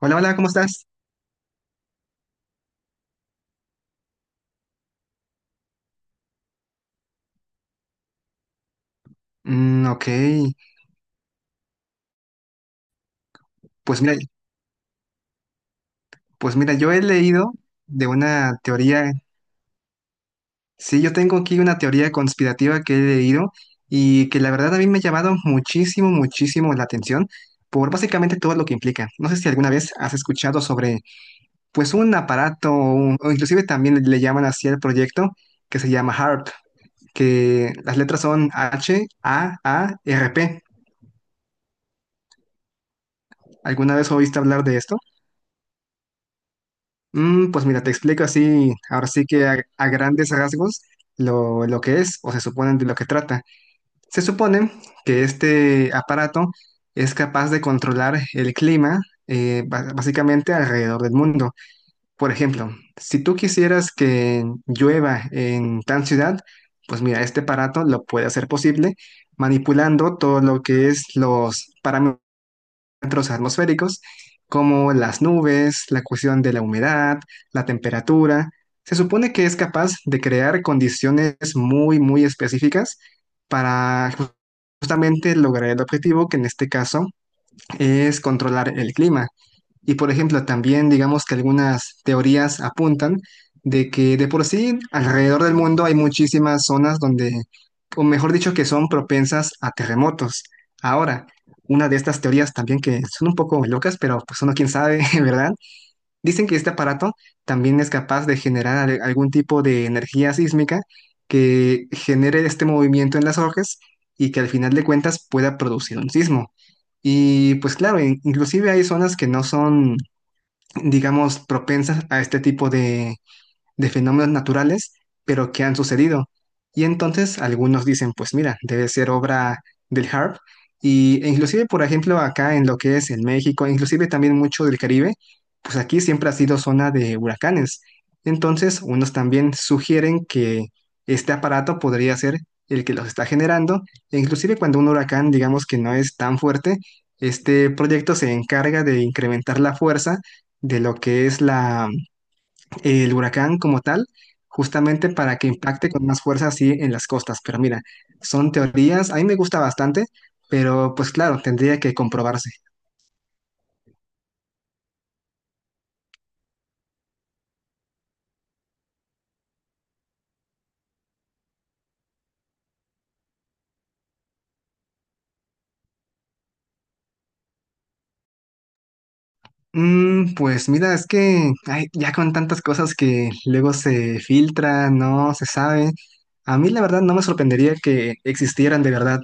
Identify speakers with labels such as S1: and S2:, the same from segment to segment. S1: Hola, hola, ¿cómo estás? Ok, pues mira, pues mira, yo he leído de una teoría, sí, yo tengo aquí una teoría conspirativa que he leído y que la verdad a mí me ha llamado muchísimo, muchísimo la atención por básicamente todo lo que implica. No sé si alguna vez has escuchado sobre, pues, un aparato o, o inclusive también le llaman así al proyecto que se llama HARP, que las letras son HAARP. ¿Alguna vez oíste hablar de esto? Pues mira, te explico así, ahora sí que a grandes rasgos lo que es o se supone de lo que trata. Se supone que este aparato es capaz de controlar el clima, básicamente alrededor del mundo. Por ejemplo, si tú quisieras que llueva en tal ciudad, pues mira, este aparato lo puede hacer posible manipulando todo lo que es los parámetros, parámetros atmosféricos como las nubes, la cuestión de la humedad, la temperatura. Se supone que es capaz de crear condiciones muy, muy específicas para justamente lograr el objetivo, que en este caso es controlar el clima. Y por ejemplo, también digamos que algunas teorías apuntan de que de por sí alrededor del mundo hay muchísimas zonas donde, o mejor dicho, que son propensas a terremotos. Ahora, una de estas teorías también que son un poco locas, pero pues uno quién sabe, ¿verdad? Dicen que este aparato también es capaz de generar algún tipo de energía sísmica que genere este movimiento en las hojas y que al final de cuentas pueda producir un sismo. Y pues claro, inclusive hay zonas que no son, digamos, propensas a este tipo de fenómenos naturales, pero que han sucedido. Y entonces algunos dicen, pues mira, debe ser obra del HARP. E inclusive, por ejemplo, acá en lo que es en México, inclusive también mucho del Caribe, pues aquí siempre ha sido zona de huracanes. Entonces, unos también sugieren que este aparato podría ser el que los está generando. E inclusive cuando un huracán, digamos que no es tan fuerte, este proyecto se encarga de incrementar la fuerza de lo que es el huracán como tal, justamente para que impacte con más fuerza así en las costas. Pero mira, son teorías, a mí me gusta bastante, pero pues claro, tendría que comprobarse. Pues mira, es que ay, ya con tantas cosas que luego se filtran, no se sabe, a mí la verdad no me sorprendería que existieran de verdad.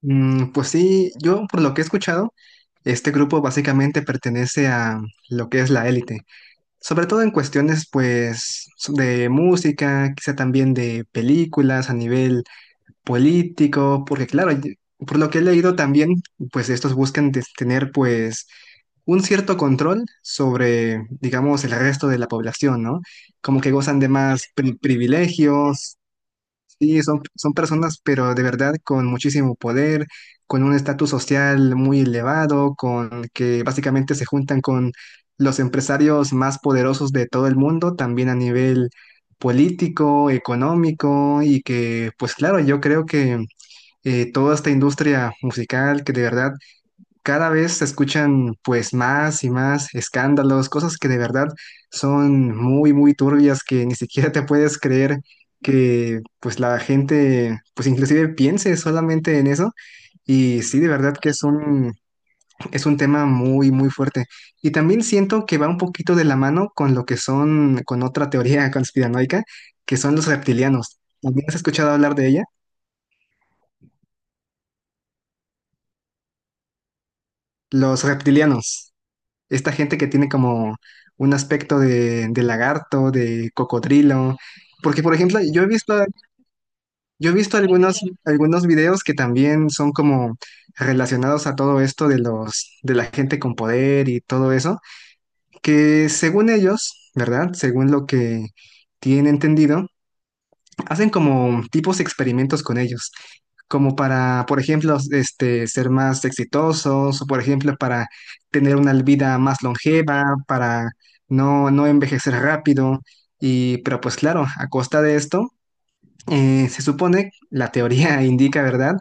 S1: Pues sí, yo por lo que he escuchado, este grupo básicamente pertenece a lo que es la élite. Sobre todo en cuestiones, pues, de música, quizá también de películas a nivel político, porque claro, por lo que he leído también, pues estos buscan tener, pues, un cierto control sobre, digamos, el resto de la población, ¿no? Como que gozan de más privilegios. Sí, son personas, pero de verdad con muchísimo poder, con un estatus social muy elevado, con que básicamente se juntan con los empresarios más poderosos de todo el mundo, también a nivel político, económico, y que, pues claro, yo creo que toda esta industria musical que de verdad cada vez se escuchan pues más y más escándalos, cosas que de verdad son muy, muy turbias que ni siquiera te puedes creer que pues la gente pues inclusive piense solamente en eso y sí, de verdad que es un tema muy, muy fuerte. Y también siento que va un poquito de la mano con lo que son, con otra teoría conspiranoica, que son los reptilianos. ¿También has escuchado hablar de ella? Los reptilianos. Esta gente que tiene como un aspecto de lagarto, de cocodrilo. Porque, por ejemplo, yo he visto algunos, algunos videos que también son como relacionados a todo esto de los, de la gente con poder y todo eso, que según ellos, ¿verdad? Según lo que tienen entendido, hacen como tipos experimentos con ellos, como para, por ejemplo, este, ser más exitosos, o por ejemplo, para tener una vida más longeva, para no envejecer rápido. Y, pero pues claro, a costa de esto, se supone, la teoría indica, ¿verdad?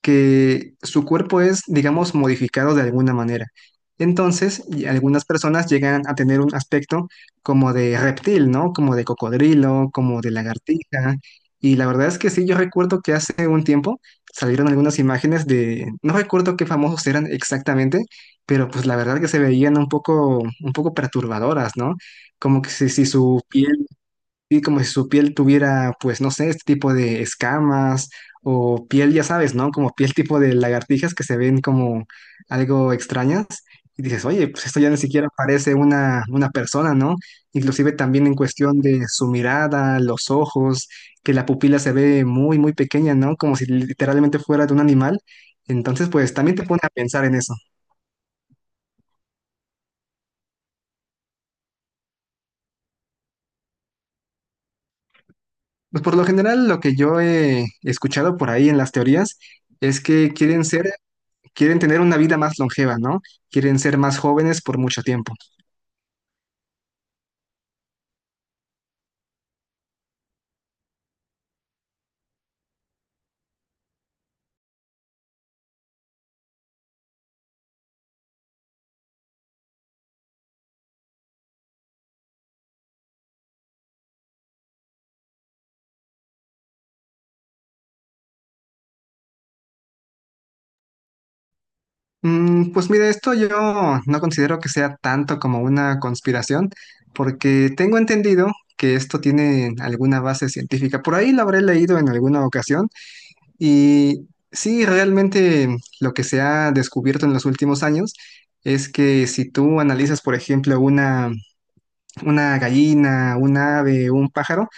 S1: Que su cuerpo es, digamos, modificado de alguna manera. Entonces, y algunas personas llegan a tener un aspecto como de reptil, ¿no? Como de cocodrilo, como de lagartija. Y la verdad es que sí, yo recuerdo que hace un tiempo salieron algunas imágenes de, no recuerdo qué famosos eran exactamente, pero pues la verdad que se veían un poco perturbadoras, ¿no? Como que si su piel, sí, como si su piel tuviera, pues no sé, este tipo de escamas o piel, ya sabes, ¿no? Como piel tipo de lagartijas que se ven como algo extrañas. Y dices, oye, pues esto ya ni siquiera parece una persona, ¿no? Inclusive también en cuestión de su mirada, los ojos, que la pupila se ve muy, muy pequeña, ¿no? Como si literalmente fuera de un animal. Entonces, pues también te pone a pensar en eso. Pues por lo general, lo que yo he escuchado por ahí en las teorías es que quieren ser, quieren tener una vida más longeva, ¿no? Quieren ser más jóvenes por mucho tiempo. Pues mira, esto yo no considero que sea tanto como una conspiración, porque tengo entendido que esto tiene alguna base científica. Por ahí lo habré leído en alguna ocasión y sí, realmente lo que se ha descubierto en los últimos años es que si tú analizas, por ejemplo, una gallina, un ave, un pájaro,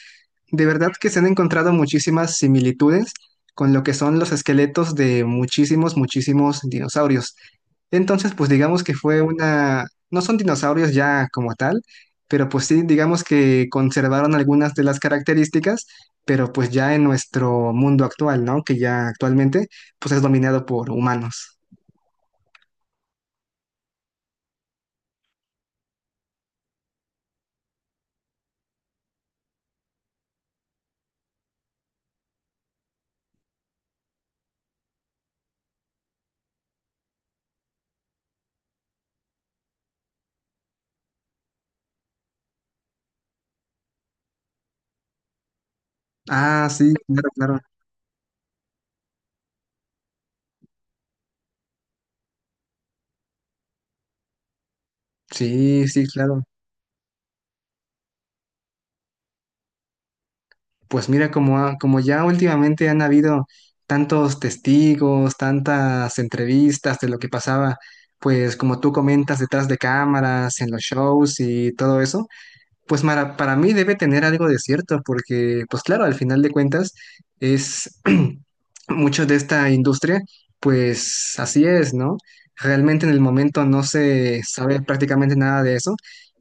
S1: de verdad que se han encontrado muchísimas similitudes con lo que son los esqueletos de muchísimos, muchísimos dinosaurios. Entonces, pues digamos que fue una... No son dinosaurios ya como tal, pero pues sí, digamos que conservaron algunas de las características, pero pues ya en nuestro mundo actual, ¿no? Que ya actualmente pues es dominado por humanos. Ah, sí, claro, claro. Sí, sí, claro. Pues mira, como, como ya últimamente han habido tantos testigos, tantas entrevistas de lo que pasaba, pues como tú comentas detrás de cámaras, en los shows y todo eso, pues para mí debe tener algo de cierto, porque, pues claro, al final de cuentas es mucho de esta industria, pues así es, ¿no? Realmente en el momento no se sabe prácticamente nada de eso,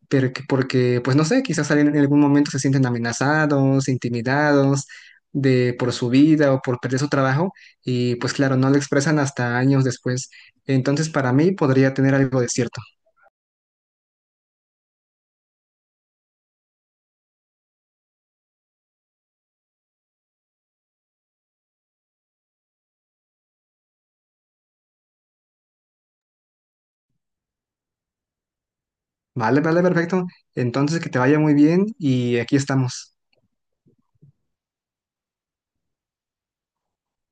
S1: pero porque, pues no sé, quizás alguien en algún momento se sienten amenazados, intimidados de por su vida o por perder su trabajo y pues claro, no lo expresan hasta años después. Entonces, para mí podría tener algo de cierto. Vale, vale, perfecto. Entonces, que te vaya muy bien y aquí estamos.